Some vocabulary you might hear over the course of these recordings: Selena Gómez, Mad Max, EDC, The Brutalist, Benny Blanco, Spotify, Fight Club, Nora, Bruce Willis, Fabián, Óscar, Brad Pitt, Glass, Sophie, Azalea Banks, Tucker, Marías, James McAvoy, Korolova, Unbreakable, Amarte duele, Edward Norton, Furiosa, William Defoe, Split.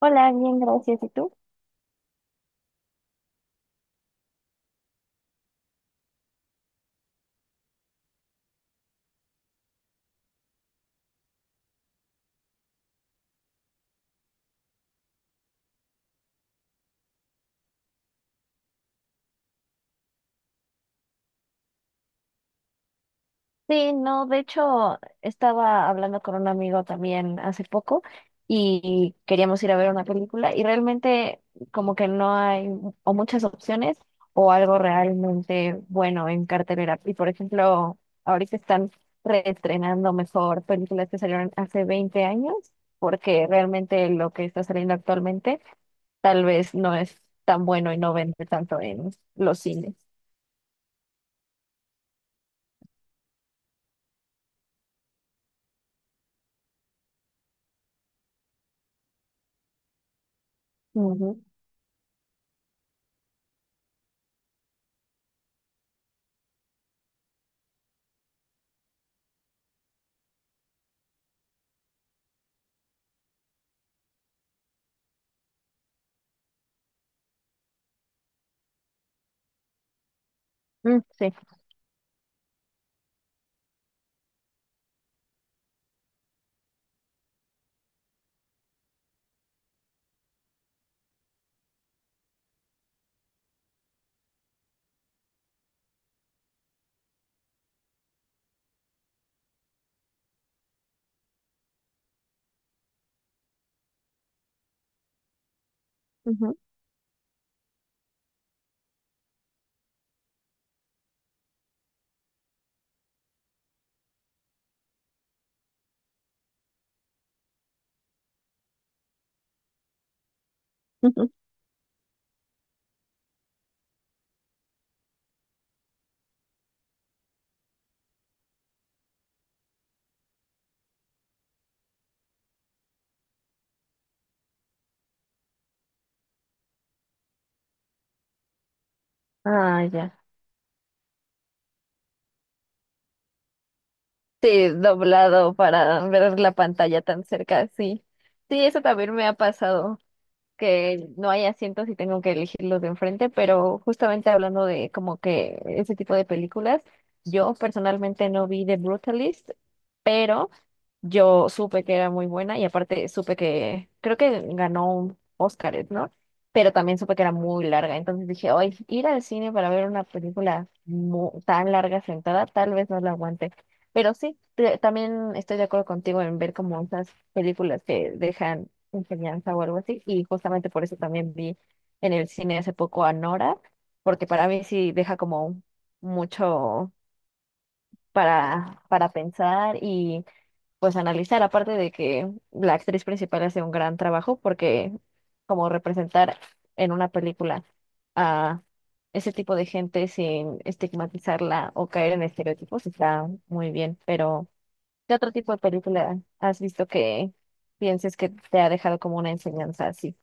Hola, bien, gracias. ¿Y tú? Sí, no, de hecho, estaba hablando con un amigo también hace poco y queríamos ir a ver una película y realmente como que no hay o muchas opciones o algo realmente bueno en cartelera. Y por ejemplo, ahorita están reestrenando mejor películas que salieron hace 20 años porque realmente lo que está saliendo actualmente tal vez no es tan bueno y no vende tanto en los cines. Ujú. Mm, sí. Ujú. Ah, ya. Sí, doblado para ver la pantalla tan cerca, sí. Sí, eso también me ha pasado, que no hay asientos y tengo que elegir los de enfrente, pero justamente hablando de como que ese tipo de películas, yo personalmente no vi The Brutalist, pero yo supe que era muy buena y aparte supe que creo que ganó un Óscar, ¿no? Pero también supe que era muy larga. Entonces dije, hoy ir al cine para ver una película tan larga sentada, tal vez no la aguante. Pero sí, también estoy de acuerdo contigo en ver como esas películas que dejan enseñanza o algo así. Y justamente por eso también vi en el cine hace poco a Nora, porque para mí sí deja como mucho para pensar pues analizar, aparte de que la actriz principal hace un gran trabajo, porque como representar en una película a ese tipo de gente sin estigmatizarla o caer en estereotipos está muy bien, pero ¿qué otro tipo de película has visto que pienses que te ha dejado como una enseñanza así?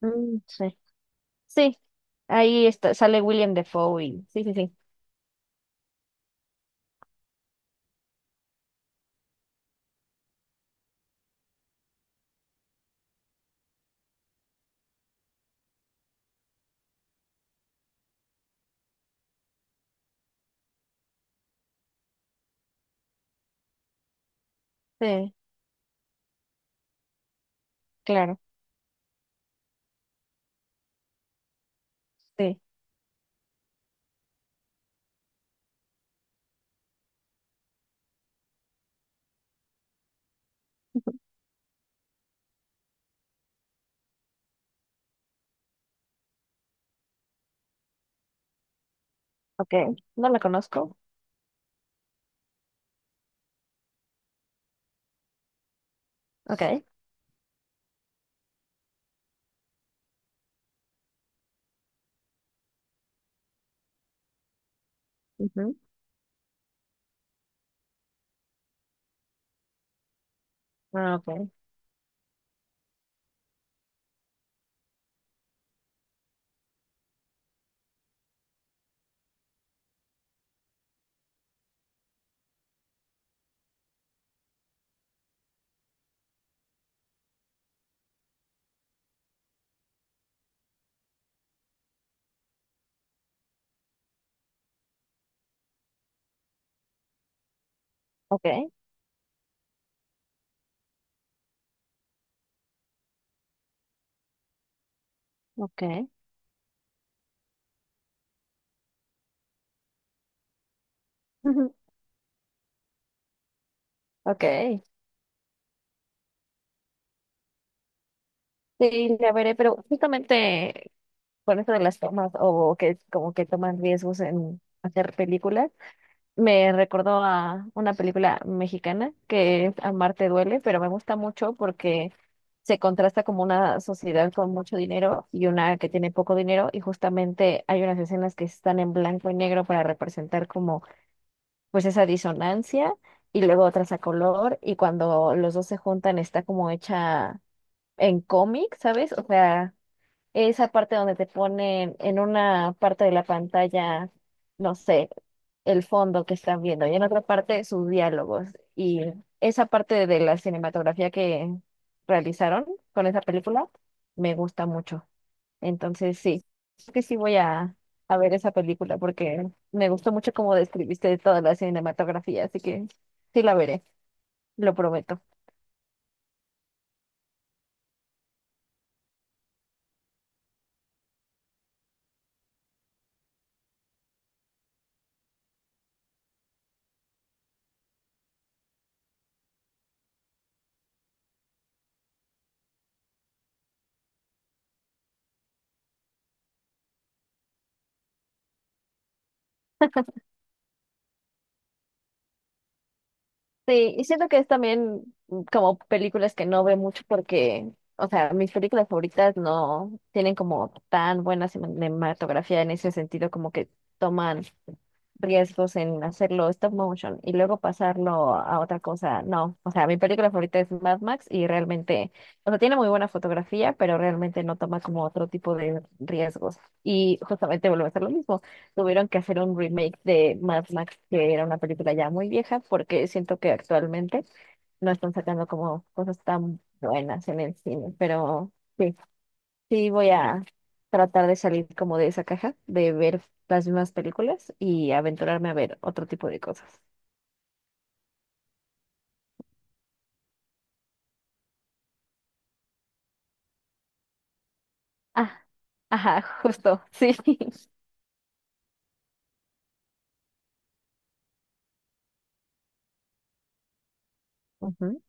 Mm, sí. Sí, ahí está, sale William Defoe y sí, sí, sí, sí, claro, sí, ok, no la conozco, ok, ujú, ah, ok, ok. Okay. Ujú. Okay. Sí, la veré, pero justamente con esto de las tomas o que como que toman riesgos en hacer películas, me recordó a una película mexicana que es Amarte duele, pero me gusta mucho porque se contrasta como una sociedad con mucho dinero y una que tiene poco dinero y justamente hay unas escenas que están en blanco y negro para representar como pues esa disonancia y luego otras a color y cuando los dos se juntan está como hecha en cómic, ¿sabes? O sea, esa parte donde te ponen en una parte de la pantalla, no sé, el fondo que están viendo y en otra parte sus diálogos. Y esa parte de la cinematografía que realizaron con esa película me gusta mucho. Entonces, sí, creo que sí voy a ver esa película porque me gustó mucho cómo describiste toda la cinematografía, así que sí la veré, lo prometo. Sí, y siento que es también como películas que no veo mucho porque, o sea, mis películas favoritas no tienen como tan buena cinematografía en ese sentido, como que toman riesgos en hacerlo stop motion y luego pasarlo a otra cosa. No, o sea, mi película favorita es Mad Max y realmente, o sea, tiene muy buena fotografía, pero realmente no toma como otro tipo de riesgos y justamente vuelve a ser lo mismo tuvieron que hacer un remake de Mad Max, que era una película ya muy vieja, porque siento que actualmente no están sacando como cosas tan buenas en el cine, pero sí, sí voy a tratar de salir como de esa caja, de ver las mismas películas y aventurarme a ver otro tipo de cosas. Ah, ajá, justo, sí. Ujú,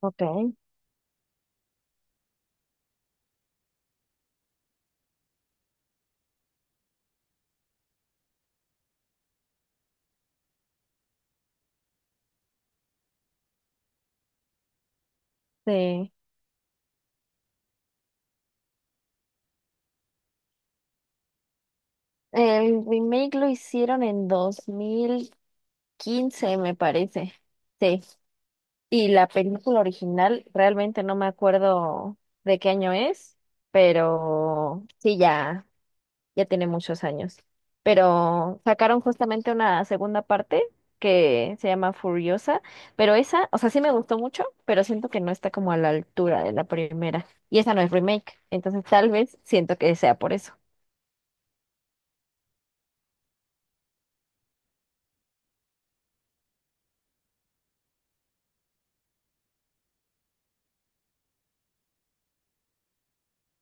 ok, sí. El remake lo hicieron en 2015 me parece. Sí, y la película original, realmente no me acuerdo de qué año es, pero sí, ya, ya tiene muchos años. Pero sacaron justamente una segunda parte que se llama Furiosa, pero esa, o sea, sí me gustó mucho, pero siento que no está como a la altura de la primera. Y esa no es remake, entonces tal vez siento que sea por eso.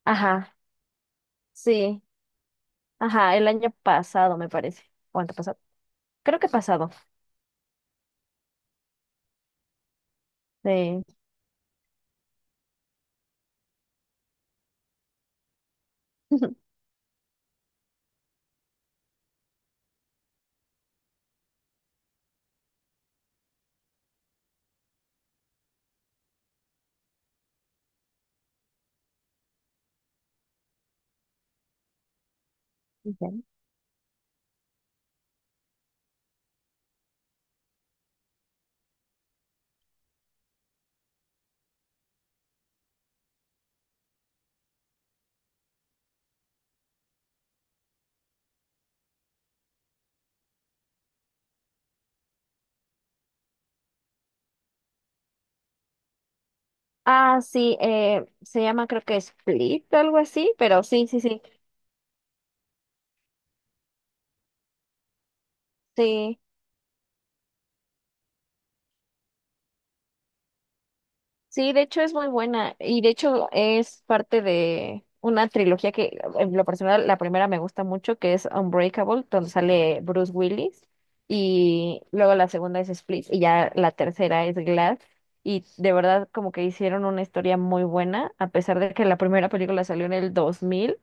Ajá, sí, ajá, el año pasado me parece, o antepasado, creo que pasado, sí. Ah, sí, se llama creo que Split, algo así, pero sí, sí, sí, sí, sí, de hecho es muy buena y de hecho es parte de una trilogía que en lo personal la primera me gusta mucho, que es Unbreakable, donde sale Bruce Willis y luego la segunda es Split y ya la tercera es Glass y de verdad como que hicieron una historia muy buena, a pesar de que la primera película salió en el 2000.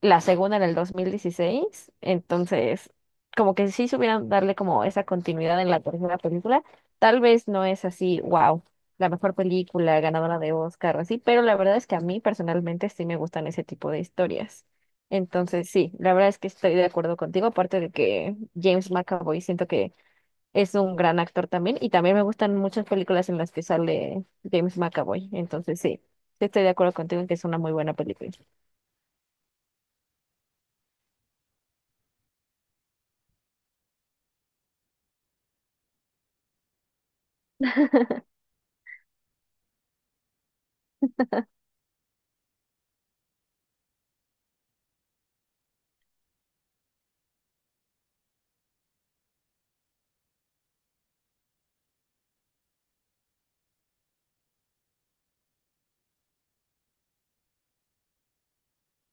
La segunda en el 2016 entonces como que sí supieran darle como esa continuidad en la tercera película, tal vez no es así, wow, la mejor película ganadora de Oscar o así, pero la verdad es que a mí personalmente sí me gustan ese tipo de historias. Entonces sí, la verdad es que estoy de acuerdo contigo, aparte de que James McAvoy siento que es un gran actor también y también me gustan muchas películas en las que sale James McAvoy, entonces sí, sí estoy de acuerdo contigo en que es una muy buena película.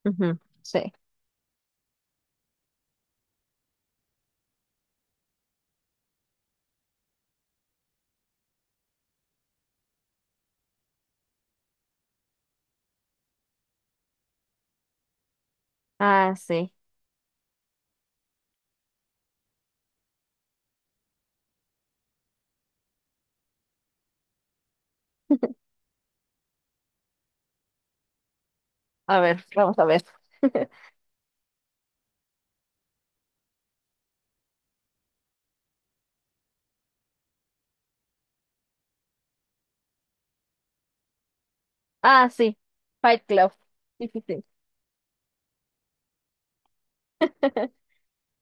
Ujú, sí. Ah, sí. A ver, vamos a ver. Ah, sí. Fight Club. Sí, sí, sí.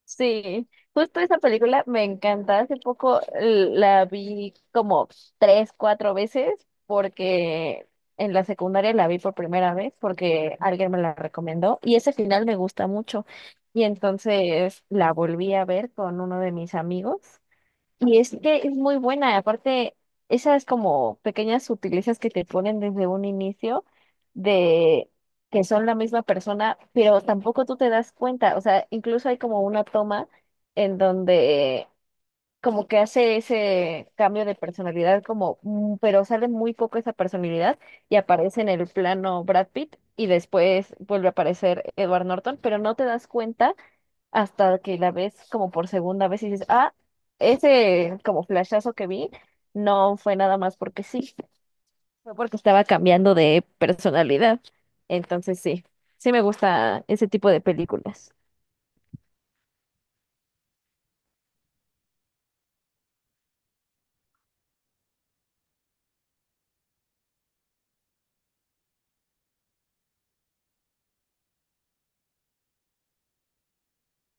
Sí, justo esa película me encanta. Hace poco la vi como tres, cuatro veces porque en la secundaria la vi por primera vez porque alguien me la recomendó y ese final me gusta mucho. Y entonces la volví a ver con uno de mis amigos. Y es que es muy buena, aparte, esas como pequeñas sutilezas que te ponen desde un inicio de que son la misma persona, pero tampoco tú te das cuenta, o sea, incluso hay como una toma en donde como que hace ese cambio de personalidad, como, mm, pero sale muy poco esa personalidad y aparece en el plano Brad Pitt y después vuelve a aparecer Edward Norton, pero no te das cuenta hasta que la ves como por segunda vez y dices, ah, ese como flashazo que vi no fue nada más porque sí, fue porque estaba cambiando de personalidad. Entonces sí, sí me gusta ese tipo de películas.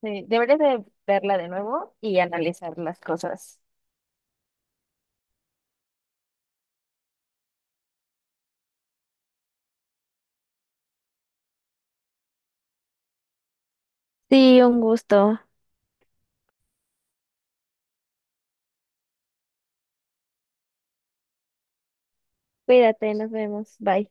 Sí, deberías de verla de nuevo y analizar las cosas. Sí, un gusto. Cuídate, nos vemos. Bye.